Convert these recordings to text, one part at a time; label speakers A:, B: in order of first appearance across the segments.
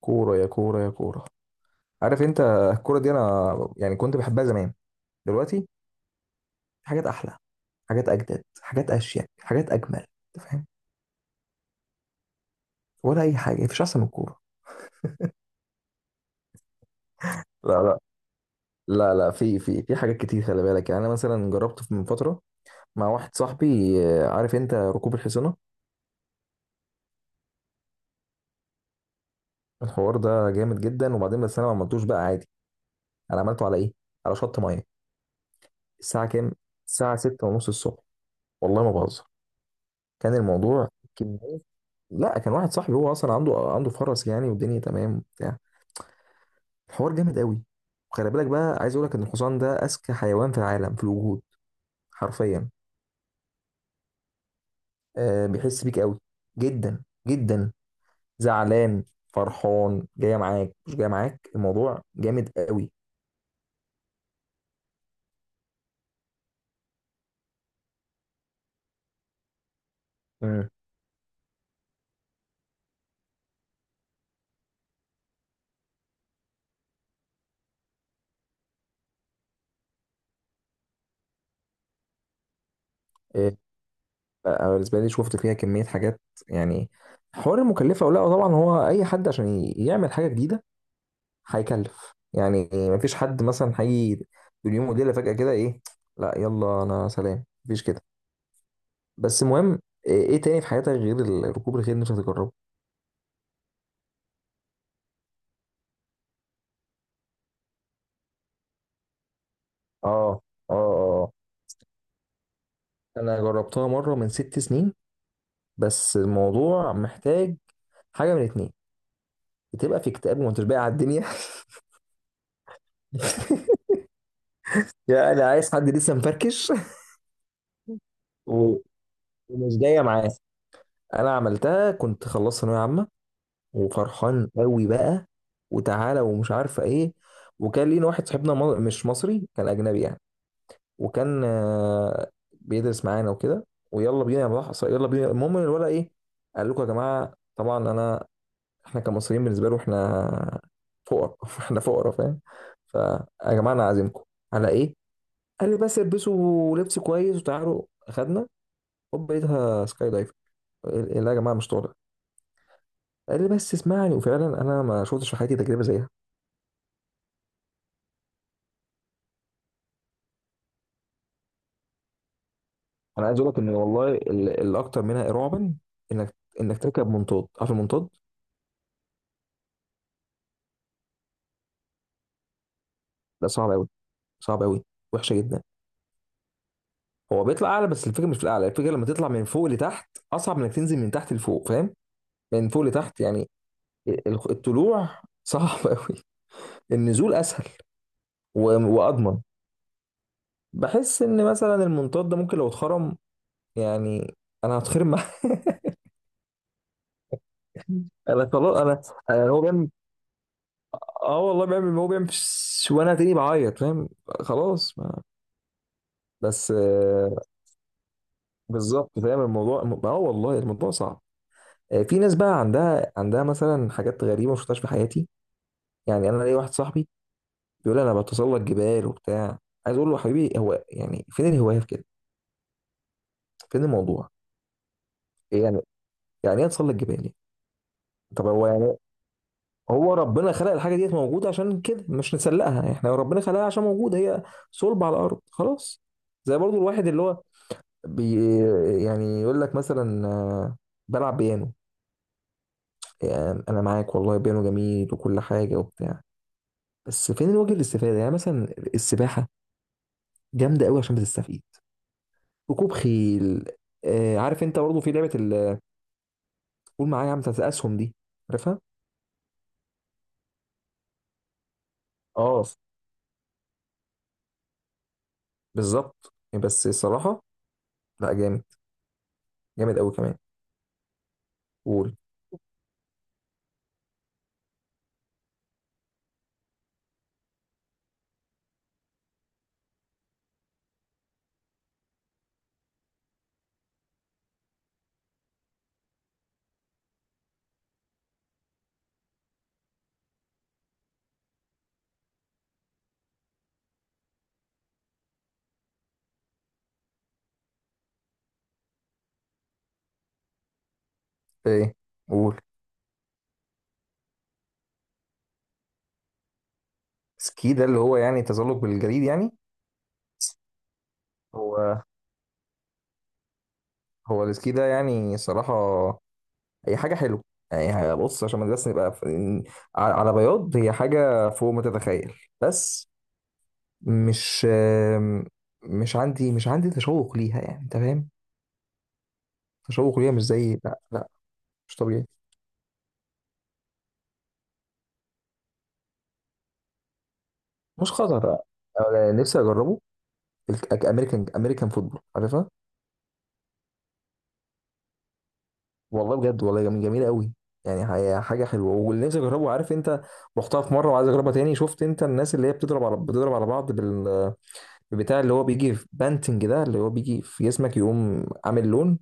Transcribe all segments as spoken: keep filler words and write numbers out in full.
A: كورة يا كورة يا كورة. عارف انت، الكورة دي انا يعني كنت بحبها زمان. دلوقتي في حاجات احلى، حاجات اجدد، حاجات اشيك، حاجات اجمل، انت فاهم. ولا اي حاجة، مفيش احسن من الكورة. لا لا، لا لا، في في في حاجات كتير، خلي بالك، يعني انا مثلا جربت من فترة مع واحد صاحبي آه، عارف انت، ركوب الحصانة. الحوار ده جامد جدا، وبعدين بس انا ما عملتوش بقى عادي. انا عملته على ايه؟ على شط مية. الساعة كام؟ الساعة ستة ونص الصبح، والله ما بهزر. كان الموضوع كمية، لا كان واحد صاحبي هو اصلا عنده عنده فرس يعني، والدنيا تمام وبتاع. الحوار جامد قوي. وخلي بالك بقى، عايز اقول لك ان الحصان ده اذكى حيوان في العالم، في الوجود، حرفيا. آه بيحس بيك قوي، جدا جدا. زعلان، فرحان، جاي معاك، مش جاي معاك. الموضوع جامد قوي. مم. آه، بقى بالنسبه لي، شفت فيها كميه حاجات يعني. حوار المكلفه ولا لا؟ طبعا، هو اي حد عشان ي- يعمل حاجه جديده هيكلف يعني. مفيش حد مثلا هيجي باليوم وليله فجاه كده، ايه! لا يلا انا سلام، مفيش كده. بس المهم، ايه إيه تاني في حياتك غير ال- ركوب الخيل مش هتجربه؟ اه اه اه، انا جربتها مره من ست سنين. بس الموضوع محتاج حاجه من اتنين، بتبقى في اكتئاب وما انتش باقي على الدنيا. يعني انا عايز حد لسه مفركش. و- ومش جايه معاه. انا عملتها كنت خلصت ثانويه عامه، وفرحان قوي بقى وتعالى ومش عارفه ايه. وكان لينا واحد صاحبنا م- مش مصري، كان اجنبي يعني. وكان آه، بيدرس معانا وكده. ويلا بينا يا ملاحظ، يلا بينا. المهم إن الولد ايه، قال لكم يا جماعه، طبعا انا، احنا كمصريين بالنسبه له احنا فقراء. احنا فقراء، فاهم. فيا جماعه انا عازمكم. على ايه؟ قال لي بس البسوا لبس كويس وتعالوا. اخدنا، هوب لقيتها سكاي دايفر. لا يا جماعه مش طالع. قال لي بس اسمعني، وفعلا انا ما شفتش في حياتي تجربه زيها. انا عايز اقول لك ان والله ال- الاكتر منها رعبا، انك انك تركب منطاد. عارف المنطاد؟ لا صعب قوي، صعب قوي، وحشه جدا. هو بيطلع اعلى، بس الفكره مش في الاعلى، الفكره لما تطلع من فوق لتحت اصعب من انك تنزل من تحت لفوق، فاهم. من فوق لتحت يعني، ال- الطلوع صعب قوي، النزول اسهل و- واضمن. بحس ان مثلا المنطاد ده ممكن لو اتخرم يعني انا هتخرم معاه. انا خلاص انا، أنا هو بيعمل، اه والله بيعمل، هو بيعمل فش- وانا تاني بعيط، فاهم، خلاص. بس آه، بالظبط، فاهم الموضوع. م- اه والله الموضوع صعب. آه، في ناس بقى عندها عندها مثلا حاجات غريبه ما شفتهاش في حياتي. يعني انا ليا واحد صاحبي بيقول لي انا بتسلق جبال وبتاع. عايز اقول له يا حبيبي، هو يعني فين الهوايه في كده؟ فين الموضوع؟ إيه يعني؟ يعني ايه اتسلق جبال يعني؟ طب هو يعني، هو ربنا خلق الحاجه ديت موجوده عشان كده مش نسلقها احنا، ربنا خلقها عشان موجوده هي، صلب على الارض خلاص. زي برضو الواحد اللي هو بي يعني يقول لك مثلا آه، بلعب بيانو. يعني انا معاك والله، بيانو جميل وكل حاجه وبتاع، بس فين الوجه الاستفاده؟ يعني مثلا السباحه جامده قوي عشان بتستفيد. ركوب خيل، آه عارف انت برضه في لعبه ال- قول معايا يا عم بتاعت الاسهم دي، عارفها. اه بالظبط. بس الصراحه، لا جامد، جامد قوي كمان. قول، ايه؟ قول. سكي ده اللي هو يعني تزلج بالجليد يعني؟ هو، هو السكي ده يعني صراحة هي حاجه حلوه يعني. بص، عشان ما بس نبقى ف- ن- على، على بياض، هي حاجه فوق ما تتخيل. بس مش آم، مش عندي مش عندي تشوق ليها، يعني انت فاهم. تشوق ليها مش زي، لا لا مش طبيعي. مش خطر، أنا نفسي اجربه. الامريكان، امريكان فوتبول، عارفها. والله بجد، والله جميل، جميله قوي. يعني هي حاجه حلوه. واللي نفسي اجربه، عارف انت، رحتها في مره وعايز اجربها تاني. شفت انت الناس اللي هي بتضرب على، بتضرب على بعض بال، بتاع اللي هو بيجي في بانتنج ده، اللي هو بيجي في جسمك يقوم عامل لون.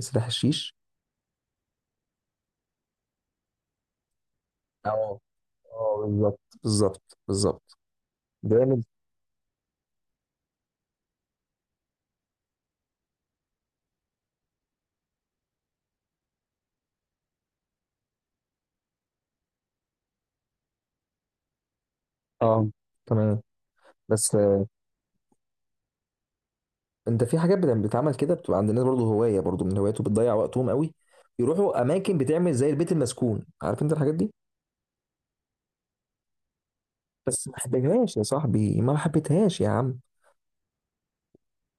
A: سلاح الشيش. اه اه، بالظبط بالظبط بالظبط. جامد. اه، تمام. بس آه، انت في حاجات بت- بتتعمل كده، بتبقى عند الناس برضه هوايه، برضه من هواياته بتضيع وقتهم قوي. يروحوا اماكن بتعمل زي البيت المسكون، عارف انت الحاجات دي. بس ما حبيتهاش يا صاحبي، ما حبيتهاش يا عم،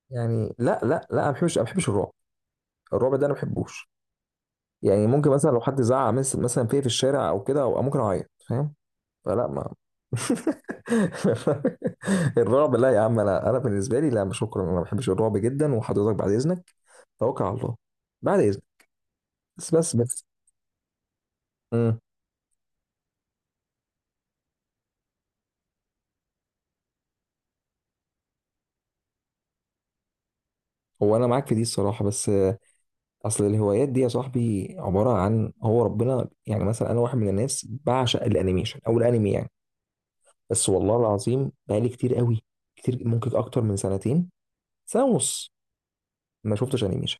A: يعني لا لا لا، ما بحبش ما بحبش الرعب. الرعب ده انا ما بحبوش. يعني ممكن مثلا لو حد زعق مس- مثلا فيا في الشارع او كده، او ممكن اعيط، فاهم. فلا ما، الرعب لا يا عم، انا انا بالنسبه لي لا شكرا، انا ما بحبش الرعب جدا. وحضرتك بعد اذنك، توكل على الله، بعد اذنك. بس بس بس. امم، هو انا معاك في دي الصراحه. بس آه، اصل الهوايات دي يا صاحبي عباره عن، هو ربنا يعني، مثلا انا واحد من الناس بعشق الانيميشن او الانمي يعني. بس والله العظيم بقالي كتير قوي، كتير، ممكن اكتر من سنتين، سنه ونص، ما شفتش انيميشن.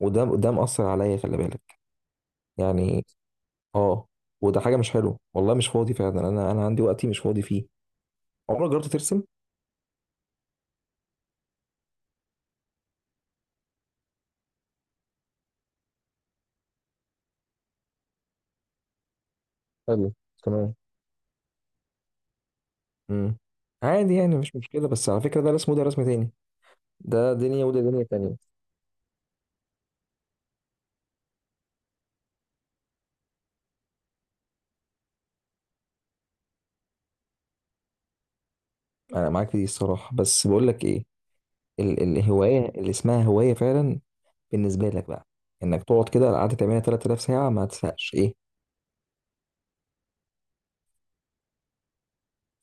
A: وده ده مأثر عليا، خلي بالك يعني. اه، وده حاجه مش حلوه والله، مش فاضي فعلا، انا انا عندي وقتي مش فاضي فيه. عمرك جربت ترسم؟ حلو، تمام. امم، عادي يعني مش مشكله، بس على فكره ده رسم وده رسم تاني، ده دنيا وده دنيا تانية. انا معاك في دي الصراحه بس بقول لك ايه، ال الهوايه اللي اسمها هوايه فعلا، بالنسبه لك بقى، انك تقعد كده قعدت تعملها تلات آلاف ساعه ما تزهقش، ايه.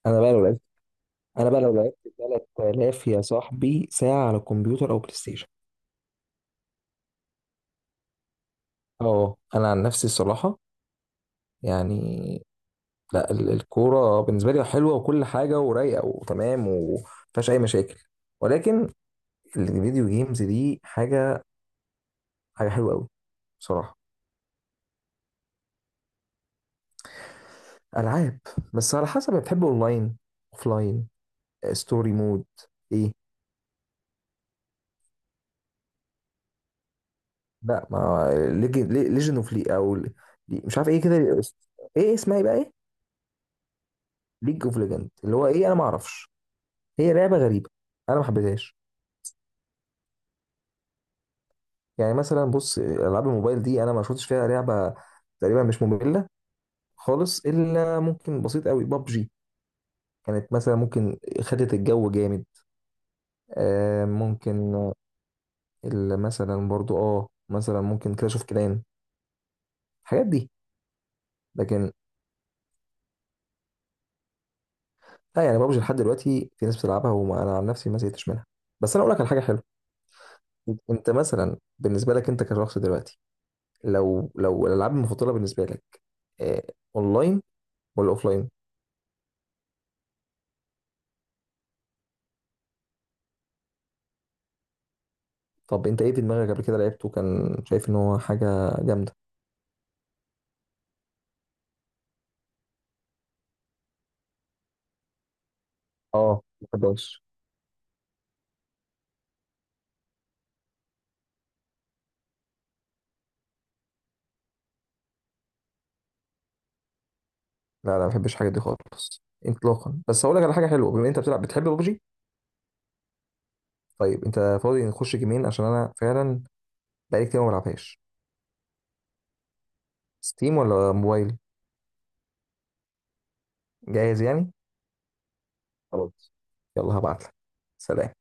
A: انا بقى لو لعبت انا بقى لو لعبت تلات آلاف يا صاحبي ساعه على الكمبيوتر او بلاي ستيشن. اه، انا عن نفسي الصراحه يعني، لا ال- الكورة بالنسبة لي حلوة وكل حاجة ورايقة وتمام ومفيهاش أي مشاكل. ولكن الفيديو جيمز دي حاجة، حاجة حلوة أوي بصراحة. ألعاب، بس على حسب بتحب، أونلاين، أوفلاين، ستوري مود، إيه. لا ما، ليجن أوف لي أو ل- مش عارف إيه كده. إيه اسمها إيه بقى، إيه؟ ليج أوف ليجند اللي هو إيه، أنا ما أعرفش. هي لعبة غريبة، أنا ما حبيتهاش. يعني مثلا بص آه، ألعاب الموبايل دي أنا ما شفتش فيها لعبة تقريبا مش مملة خالص، الا ممكن بسيط قوي بابجي كانت مثلا، ممكن خدت الجو جامد. آه ممكن، ال- مثلا برضو اه مثلا، ممكن كلاش اوف كلان الحاجات دي. لكن لا يعني بابجي لحد دلوقتي في ناس بتلعبها، وانا عن نفسي ما زهقتش منها. بس انا اقول لك على حاجه حلوه، انت مثلا بالنسبه لك، انت كشخص دلوقتي، لو لو الالعاب المفضله بالنسبه لك، آه، اونلاين ولا اوفلاين؟ طب انت ايه في دماغك قبل كده لعبته كان شايف ان هو حاجه جامده؟ اه، ما لا لا ما بحبش الحاجات دي خالص اطلاقا. بس هقول لك على حاجه حلوه، بما انت بتلعب بتحب ببجي. طيب انت فاضي نخش جيمين؟ عشان انا فعلا بقالي كتير ما بلعبهاش. ستيم ولا موبايل؟ جاهز يعني. خلاص، يلا هبعت لك. سلام.